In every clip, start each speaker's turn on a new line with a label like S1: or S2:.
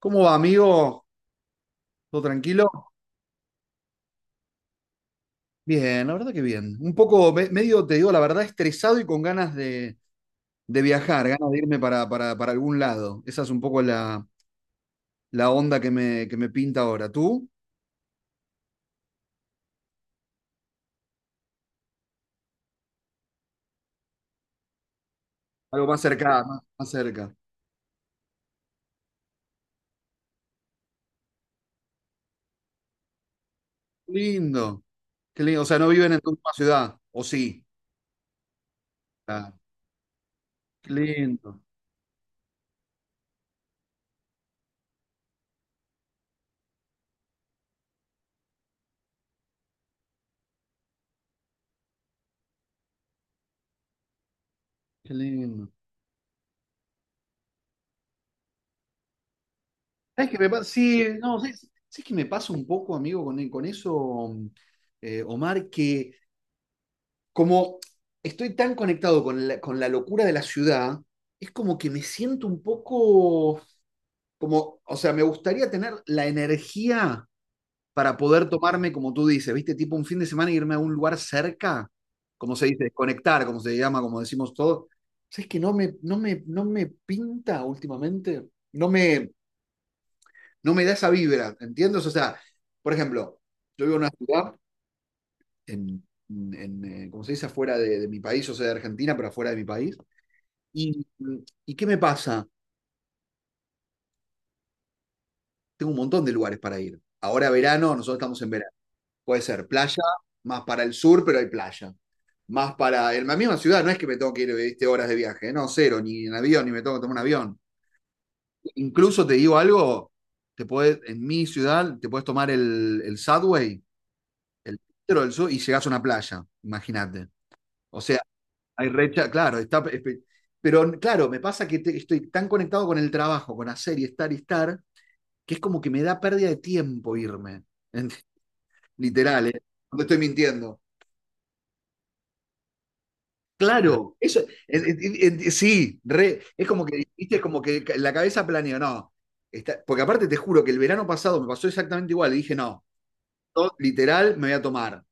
S1: ¿Cómo va, amigo? ¿Todo tranquilo? Bien, la verdad que bien. Un poco, medio, te digo, la verdad, estresado y con ganas de viajar, ganas de irme para algún lado. Esa es un poco la onda que me pinta ahora. ¿Tú? Algo más cerca, más cerca. Lindo, qué lindo. O sea, no viven en tu misma ciudad, ¿o sí? Ah, qué lindo, qué lindo. ¿Sabes qué me pasa? Sí, no, ¿sabes qué me pasa un poco, amigo, con eso, Omar? Que como estoy tan conectado con con la locura de la ciudad, es como que me siento un poco como, o sea, me gustaría tener la energía para poder tomarme, como tú dices, ¿viste? Tipo un fin de semana e irme a un lugar cerca, como se dice, desconectar, como se llama, como decimos todos. ¿Sabes que no me pinta últimamente? No me da esa vibra, ¿entiendes? O sea, por ejemplo, yo vivo en una ciudad, en, como se dice, afuera de mi país, o sea, de Argentina, pero afuera de mi país. ¿Y, y qué me pasa? Tengo un montón de lugares para ir. Ahora verano, nosotros estamos en verano. Puede ser playa, más para el sur, pero hay playa. Más para en la misma ciudad, no es que me tengo que ir, ¿viste? Horas de viaje, ¿eh? No, cero, ni en avión, ni me tengo que tomar un avión. Incluso te digo algo, te podés, en mi ciudad te puedes tomar el Subway, el metro del sur, y llegás a una playa, imagínate. O sea, hay recha, claro, está, pero claro, me pasa que estoy tan conectado con el trabajo, con hacer y estar que es como que me da pérdida de tiempo irme. Literal, ¿eh? No te estoy mintiendo. Claro, eso, sí, re, es como que, viste, es como que la cabeza planeó, no. Porque aparte te juro que el verano pasado me pasó exactamente igual, y dije, no, yo, literal me voy a tomar.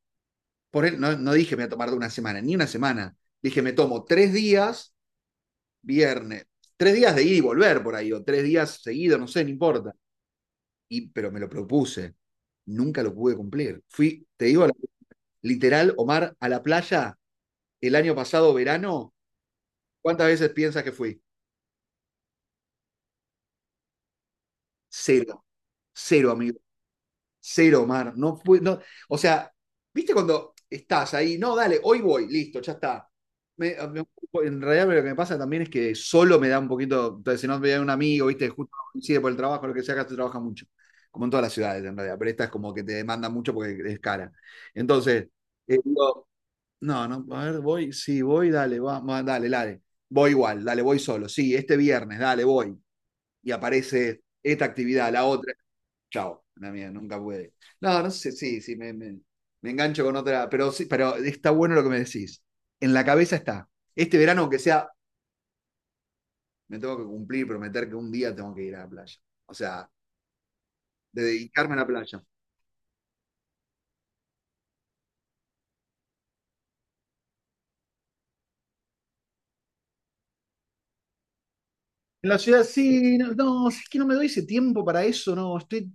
S1: Por él, no dije me voy a tomar de una semana, ni una semana. Dije, me tomo tres días, viernes, tres días de ir y volver por ahí, o tres días seguidos, no sé, no importa. Y, pero me lo propuse. Nunca lo pude cumplir. Fui, te digo, literal, Omar, a la playa el año pasado, verano, ¿cuántas veces piensas que fui? Cero. Cero, amigo. Cero, Omar. No, o sea, ¿viste cuando estás ahí? No, dale, hoy voy, listo, ya está. Me- ah, me- en realidad lo que me pasa también es que solo me da un poquito, entonces si no me da un amigo, viste, justo coincide por el trabajo, lo que sea, acá se trabaja mucho, como en todas las ciudades en realidad, pero esta es como que te demanda mucho porque es cara. Entonces, digo, no, no, a ver, voy, sí, voy, dale, va, dale, dale. Voy igual, dale, voy solo. Sí, este viernes, dale, voy. Y aparece esta actividad, la otra. Chao, la mía, nunca puede. No, no sé, sí, sí, me engancho con otra, pero sí, pero está bueno lo que me decís. En la cabeza está. Este verano, aunque sea, me tengo que cumplir, prometer que un día tengo que ir a la playa. O sea, de dedicarme a la playa. En la ciudad sí, no, no, es que no me doy ese tiempo para eso, no, estoy.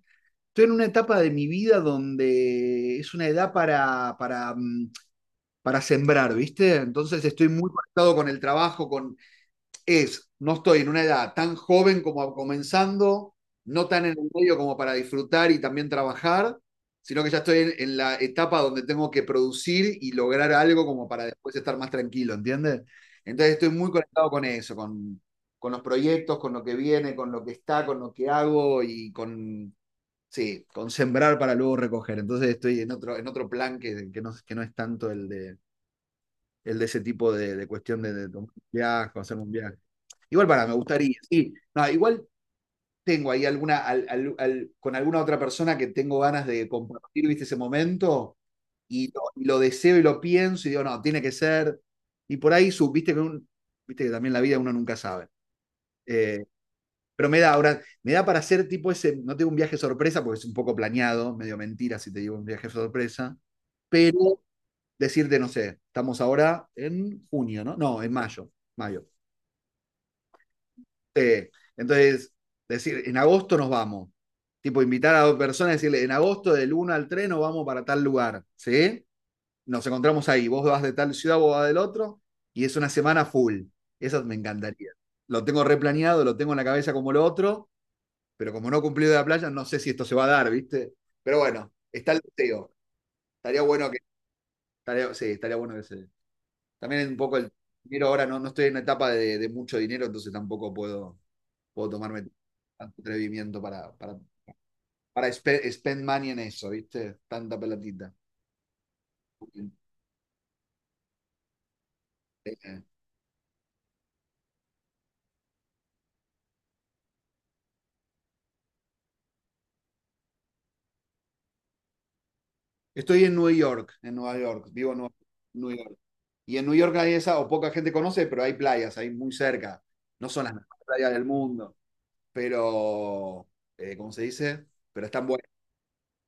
S1: Estoy en una etapa de mi vida donde es una edad para sembrar, ¿viste? Entonces estoy muy conectado con el trabajo, con es, no estoy en una edad tan joven como comenzando, no tan en el medio como para disfrutar y también trabajar, sino que ya estoy en la etapa donde tengo que producir y lograr algo como para después estar más tranquilo, ¿entiendes? Entonces estoy muy conectado con eso, con los proyectos, con lo que viene, con lo que está, con lo que hago y con. Sí, con sembrar para luego recoger. Entonces estoy en otro plan que no es tanto el de ese tipo de cuestión de tomar un viaje, o hacer un viaje. Igual para, me gustaría. Sí, no, igual tengo ahí alguna, con alguna otra persona que tengo ganas de compartir, viste, ese momento, y lo deseo y lo pienso, y digo, no, tiene que ser. Y por ahí, sub, viste, viste que también la vida uno nunca sabe. Eh, pero me da ahora, me da para hacer tipo ese, no tengo un viaje sorpresa porque es un poco planeado, medio mentira si te digo un viaje sorpresa, pero decirte, no sé, estamos ahora en junio, ¿no? No, en mayo, mayo. Eh, entonces, decir, en agosto nos vamos. Tipo, invitar a dos personas y decirle, en agosto del 1 al 3 nos vamos para tal lugar, ¿sí? Nos encontramos ahí, vos vas de tal ciudad, vos vas del otro, y es una semana full. Eso me encantaría. Lo tengo replaneado, lo tengo en la cabeza como lo otro, pero como no cumplió de la playa, no sé si esto se va a dar, ¿viste? Pero bueno, está el deseo. Estaría bueno que. Estaría, sí, estaría bueno que se. También un poco el dinero ahora, no, no estoy en una etapa de mucho dinero, entonces tampoco puedo, puedo tomarme tanto atrevimiento para spend money en eso, ¿viste? Tanta pelatita. Estoy en Nueva York, vivo en Nueva Nueva York. Y en Nueva York hay esa, o poca gente conoce, pero hay playas ahí muy cerca. No son las mejores playas del mundo, pero, ¿cómo se dice? Pero están buenas.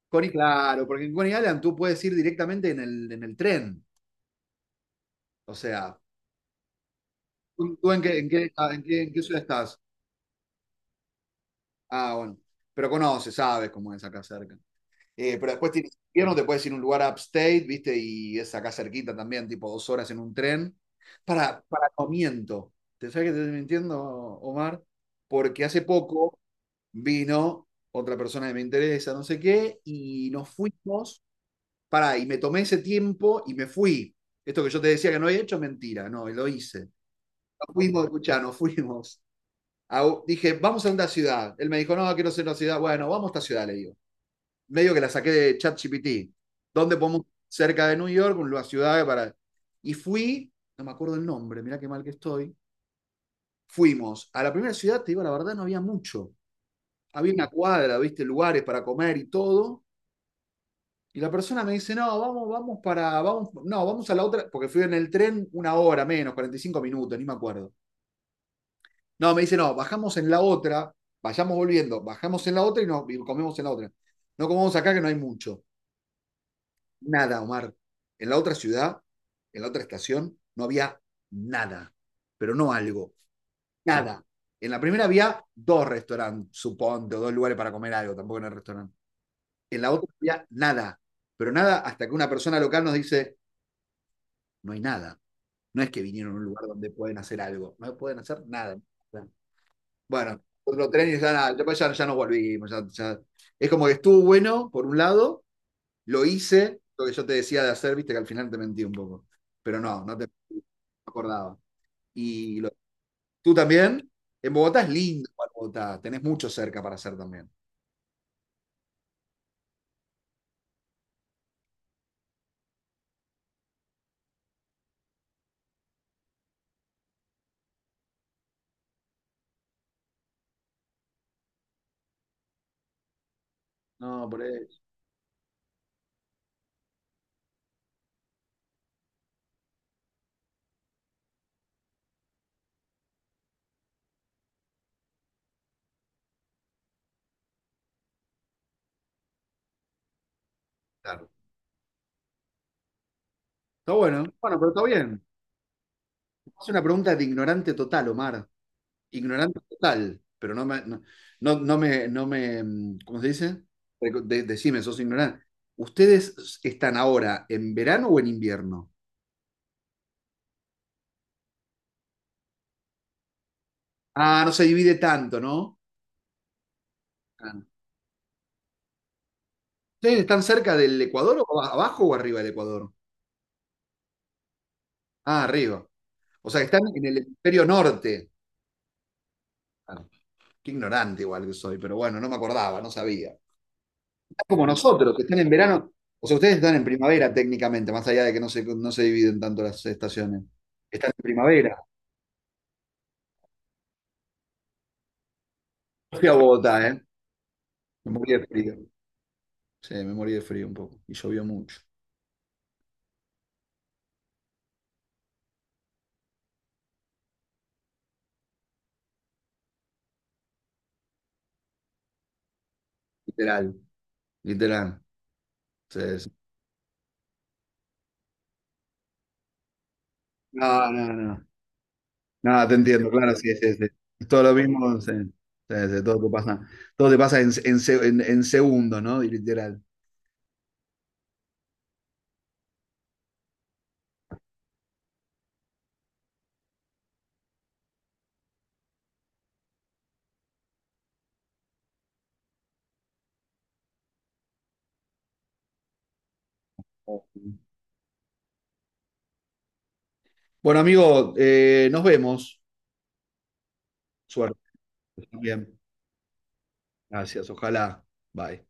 S1: Coney, claro, porque en Coney Island tú puedes ir directamente en el tren. O sea, ¿tú en qué, en qué ciudad estás? Ah, bueno. Pero conoces, sabes cómo es acá cerca. Pero después tienes invierno, te puedes ir a un lugar upstate, ¿viste? Y es acá cerquita también, tipo dos horas en un tren. No miento. ¿Te sabes que te estoy mintiendo, Omar? Porque hace poco vino otra persona que me interesa, no sé qué, y nos fuimos pará, y me tomé ese tiempo y me fui. Esto que yo te decía que no había hecho, mentira, no, lo hice. Nos fuimos, escuchá, nos fuimos. A dije, vamos a una ciudad. Él me dijo, no, quiero hacer una ciudad. Bueno, vamos a esta ciudad, le digo. Medio que la saqué de ChatGPT. ¿Dónde podemos? Cerca de New York, una ciudad para... Y fui, no me acuerdo el nombre, mirá qué mal que estoy. Fuimos. A la primera ciudad, te digo, la verdad, no había mucho. Había una cuadra, viste, lugares para comer y todo. Y la persona me dice, no, vamos a la otra, porque fui en el tren una hora menos, 45 minutos, ni me acuerdo. No, me dice, no, bajamos en la otra, vayamos volviendo, bajamos en la otra y, no y comemos en la otra. No comemos acá que no hay mucho. Nada, Omar. En la otra ciudad, en la otra estación, no había nada, pero no algo, nada. En la primera había dos restaurantes, suponte, o dos lugares para comer algo, tampoco en el restaurante. En la otra había nada, pero nada hasta que una persona local nos dice, no hay nada. No es que vinieron a un lugar donde pueden hacer algo, no pueden hacer nada. Bueno, otro tren y ya, nada, ya, pues ya nos volvimos. Ya. Es como que estuvo bueno, por un lado, lo hice, lo que yo te decía de hacer, viste que al final te mentí un poco. Pero no, no te no acordaba. Y lo- Tú también, en Bogotá es lindo, igual Bogotá, tenés mucho cerca para hacer también. No, por eso. Claro. Está bueno, bueno, pero está bien. Es una pregunta de ignorante total, Omar. Ignorante total, pero no, mm, ¿cómo se dice? Decime, sos ignorante. ¿Ustedes están ahora en verano o en invierno? Ah, no se divide tanto, ¿no? Ah. ¿Ustedes están cerca del Ecuador o abajo o arriba del Ecuador? Ah, arriba. O sea, que están en el hemisferio norte. Ah, qué ignorante igual que soy, pero bueno, no me acordaba, no sabía. Es como nosotros, que están en verano. O sea, ustedes están en primavera técnicamente, más allá de que no se dividen tanto las estaciones. Están en primavera. Fui a Bogotá, ¿eh? Me morí de frío. Sí, me morí de frío un poco. Y llovió mucho. Literal, literal. Sí, sí. No, no, no. No, te entiendo, claro, sí, sí, sí. Es todo lo mismo, sí. Sí, sí, todo te pasa en segundos, ¿no? Y literal. Bueno, amigo, nos vemos. Suerte. Bien. Gracias, ojalá. Bye.